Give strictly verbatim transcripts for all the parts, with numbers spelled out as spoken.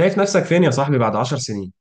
شايف نفسك فين يا صاحبي بعد عشر سنين؟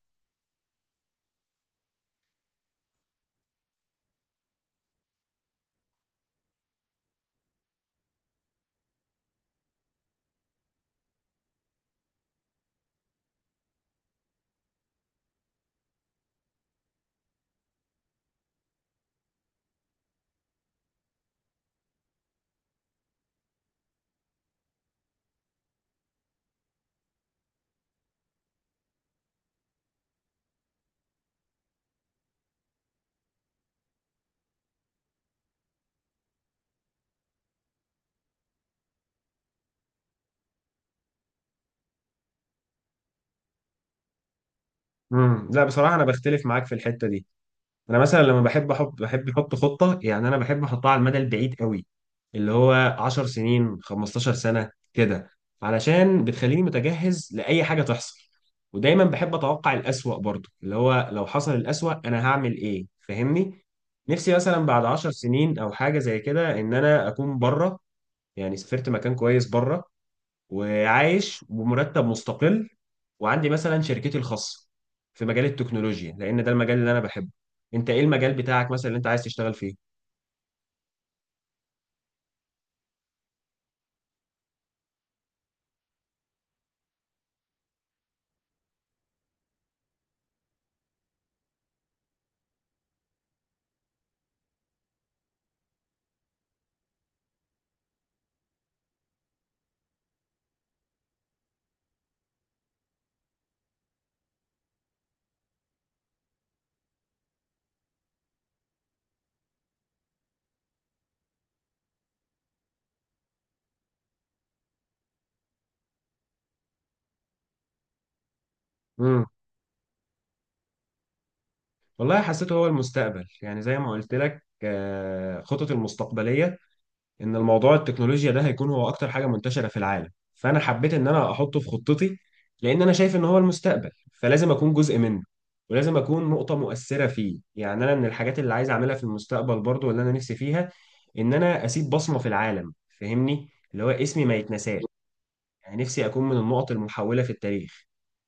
امم لا بصراحة أنا بختلف معاك في الحتة دي، أنا مثلا لما بحب أحط بحب أحط خطة، يعني أنا بحب أحطها على المدى البعيد قوي، اللي هو عشر سنين خمستاشر سنة كده، علشان بتخليني متجهز لأي حاجة تحصل. ودايما بحب أتوقع الأسوأ برضه، اللي هو لو حصل الأسوأ أنا هعمل إيه؟ فاهمني؟ نفسي مثلا بعد عشر سنين أو حاجة زي كده إن أنا أكون بره، يعني سافرت مكان كويس بره، وعايش بمرتب مستقل، وعندي مثلا شركتي الخاصة في مجال التكنولوجيا، لأن ده المجال اللي أنا بحبه. أنت إيه المجال بتاعك مثلا اللي أنت عايز تشتغل فيه؟ مم. والله حسيته هو المستقبل، يعني زي ما قلت لك، آه، خطط المستقبلية، ان الموضوع التكنولوجيا ده هيكون هو اكتر حاجه منتشره في العالم، فانا حبيت ان انا احطه في خطتي، لان انا شايف ان هو المستقبل، فلازم اكون جزء منه، ولازم اكون نقطه مؤثره فيه. يعني انا من الحاجات اللي عايز اعملها في المستقبل برضو، اللي انا نفسي فيها، ان انا اسيب بصمه في العالم، فاهمني؟ اللي هو اسمي ما يتنساش. يعني نفسي اكون من النقط المحوله في التاريخ.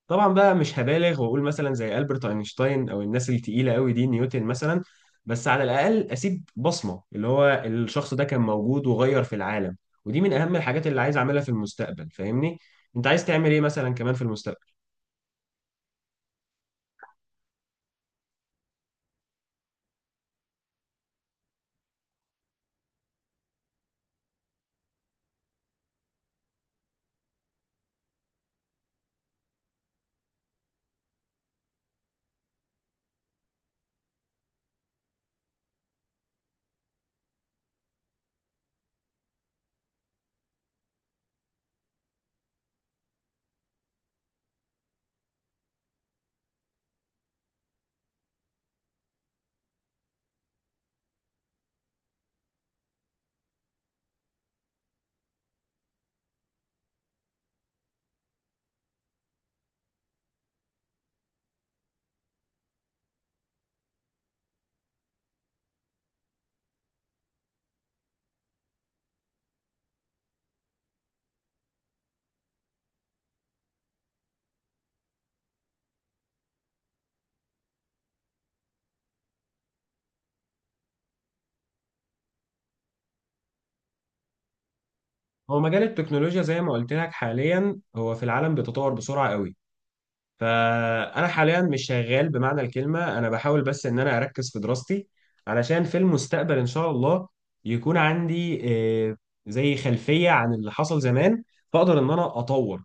طبعا بقى مش هبالغ واقول مثلا زي البرت اينشتاين او الناس التقيله قوي دي، نيوتن مثلا، بس على الاقل اسيب بصمه، اللي هو الشخص ده كان موجود وغير في العالم. ودي من اهم الحاجات اللي عايز اعملها في المستقبل، فاهمني؟ انت عايز تعمل ايه مثلا كمان في المستقبل؟ هو مجال التكنولوجيا زي ما قلت لك حاليا هو في العالم بيتطور بسرعه قوي، فانا حاليا مش شغال بمعنى الكلمه، انا بحاول بس ان انا اركز في دراستي علشان في المستقبل ان شاء الله يكون عندي آه، زي خلفيه عن اللي حصل زمان، فاقدر ان انا اطور.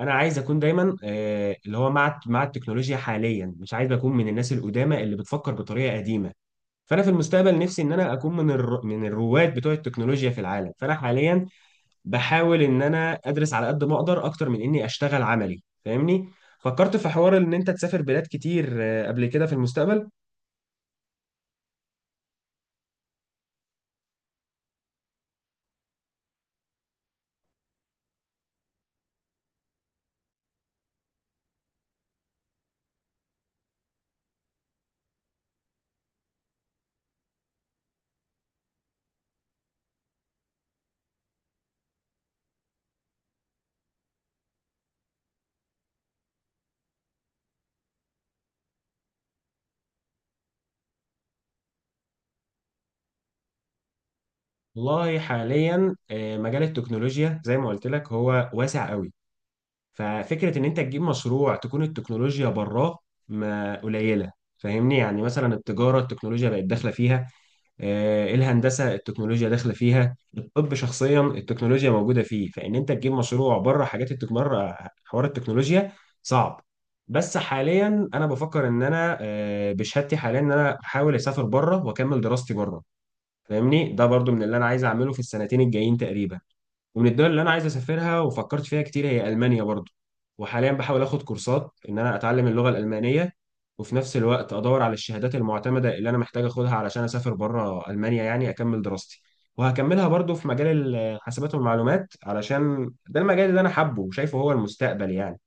انا عايز اكون دايما آه، اللي هو مع مع التكنولوجيا حاليا، مش عايز اكون من الناس القدامى اللي بتفكر بطريقه قديمه، فانا في المستقبل نفسي ان انا اكون من الر... من الرواد بتوع التكنولوجيا في العالم. فانا حاليا بحاول ان انا ادرس على قد ما اقدر، اكتر من اني اشتغل عملي، فاهمني؟ فكرت في حوار ان انت تسافر بلاد كتير آه، قبل كده في المستقبل؟ والله حاليا آه، مجال التكنولوجيا زي ما قلت لك هو واسع قوي، ففكرة ان انت تجيب مشروع تكون التكنولوجيا براه ما قليلة، فاهمني؟ يعني مثلا التجارة التكنولوجيا بقت داخلة فيها، آه، إيه، الهندسه التكنولوجيا داخله فيها، الطب شخصيا التكنولوجيا موجوده فيه، فان انت تجيب مشروع بره حاجات التكنولوجيا، حوار التكنولوجيا، صعب. بس حاليا انا بفكر ان انا آه، بشهادتي حاليا ان انا احاول اسافر بره واكمل دراستي بره، فاهمني؟ ده برضو من اللي انا عايز اعمله في السنتين الجايين تقريبا. ومن الدول اللي انا عايز اسافرها وفكرت فيها كتير هي المانيا برضو، وحاليا بحاول اخد كورسات ان انا اتعلم اللغه الالمانيه، وفي نفس الوقت ادور على الشهادات المعتمده اللي انا محتاج اخدها علشان اسافر بره المانيا، يعني اكمل دراستي، وهكملها برضو في مجال الحاسبات والمعلومات، علشان ده المجال اللي انا حابه وشايفه هو المستقبل يعني.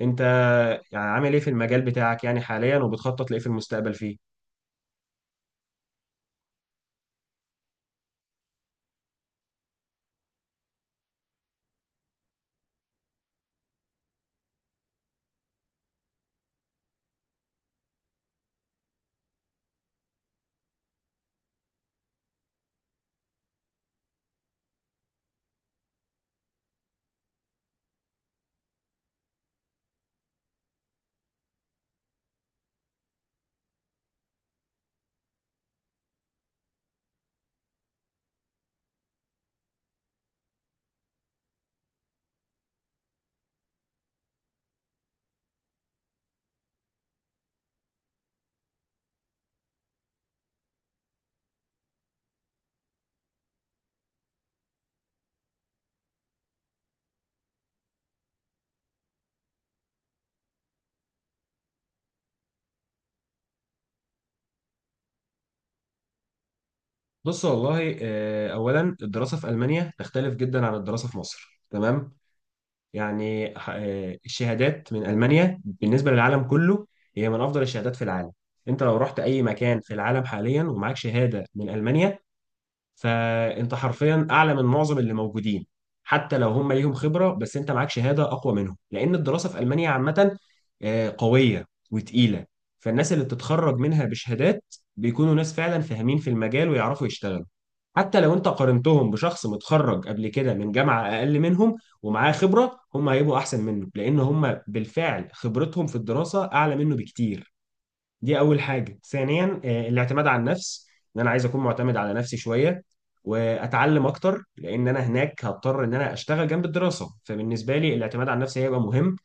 انت يعني عامل ايه في المجال بتاعك يعني حاليا، وبتخطط لايه في المستقبل فيه؟ بص والله آه، اولا الدراسه في المانيا تختلف جدا عن الدراسه في مصر، تمام؟ يعني ح- آه، الشهادات من ألمانيا بالنسبة للعالم كله هي من أفضل الشهادات في العالم. أنت لو رحت أي مكان في العالم حاليا ومعاك شهادة من ألمانيا، فأنت حرفيا أعلى من معظم اللي موجودين، حتى لو هم ليهم خبرة، بس أنت معاك شهادة أقوى منهم، لأن الدراسة في ألمانيا عامة آه، قوية وتقيلة، فالناس اللي بتتخرج منها بشهادات بيكونوا ناس فعلا فاهمين في المجال ويعرفوا يشتغلوا. حتى لو انت قارنتهم بشخص متخرج قبل كده من جامعة اقل منهم ومعاه خبرة، هم هيبقوا احسن منه، لان هم بالفعل خبرتهم في الدراسة اعلى منه بكتير. دي اول حاجة. ثانيا آه، الاعتماد على النفس، ان انا عايز اكون معتمد على نفسي شوية، واتعلم اكتر، لان انا هناك هضطر ان انا اشتغل جنب الدراسة، فبالنسبة لي الاعتماد على النفس هيبقى مهم.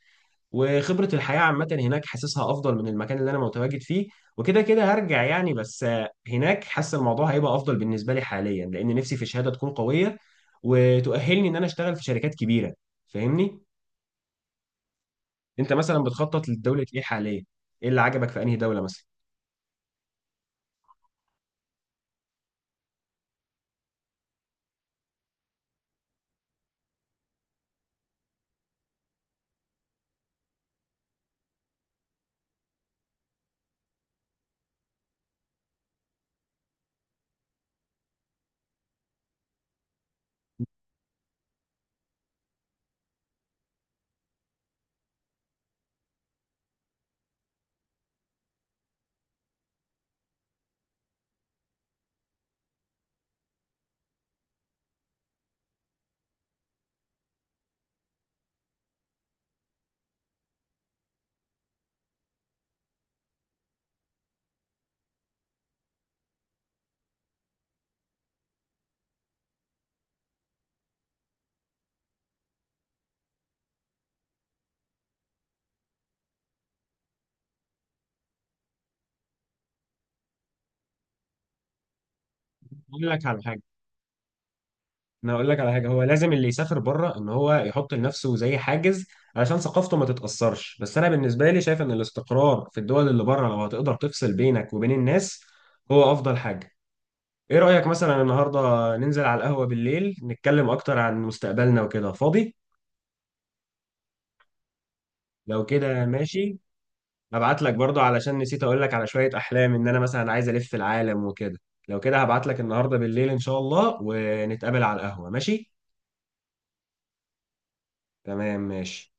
وخبرة الحياة عامة هناك حاسسها أفضل من المكان اللي أنا متواجد فيه، وكده كده هرجع يعني، بس آه، هناك حاسس الموضوع هيبقى أفضل بالنسبة لي حاليا، لأن نفسي في شهادة تكون قوية وتؤهلني إن أنا أشتغل في شركات كبيرة، فاهمني؟ أنت مثلا بتخطط لدولة إيه حاليا؟ إيه اللي عجبك في أنهي دولة مثلا؟ أقول لك على حاجة أنا أقول لك على حاجة، هو لازم اللي يسافر بره إن هو يحط لنفسه زي حاجز علشان ثقافته ما تتأثرش، بس أنا بالنسبة لي شايف إن الاستقرار في الدول اللي بره، لو هتقدر تفصل بينك وبين الناس، هو أفضل حاجة. ايه رأيك مثلا النهارده ننزل على القهوة بالليل نتكلم اكتر عن مستقبلنا وكده؟ فاضي؟ لو كده ماشي، هبعت لك برضه علشان نسيت اقول لك على شوية احلام ان انا مثلا عايز الف العالم وكده. لو كده هبعت لك النهارده بالليل ان شاء الله ونتقابل على القهوة، ماشي؟ تمام ماشي.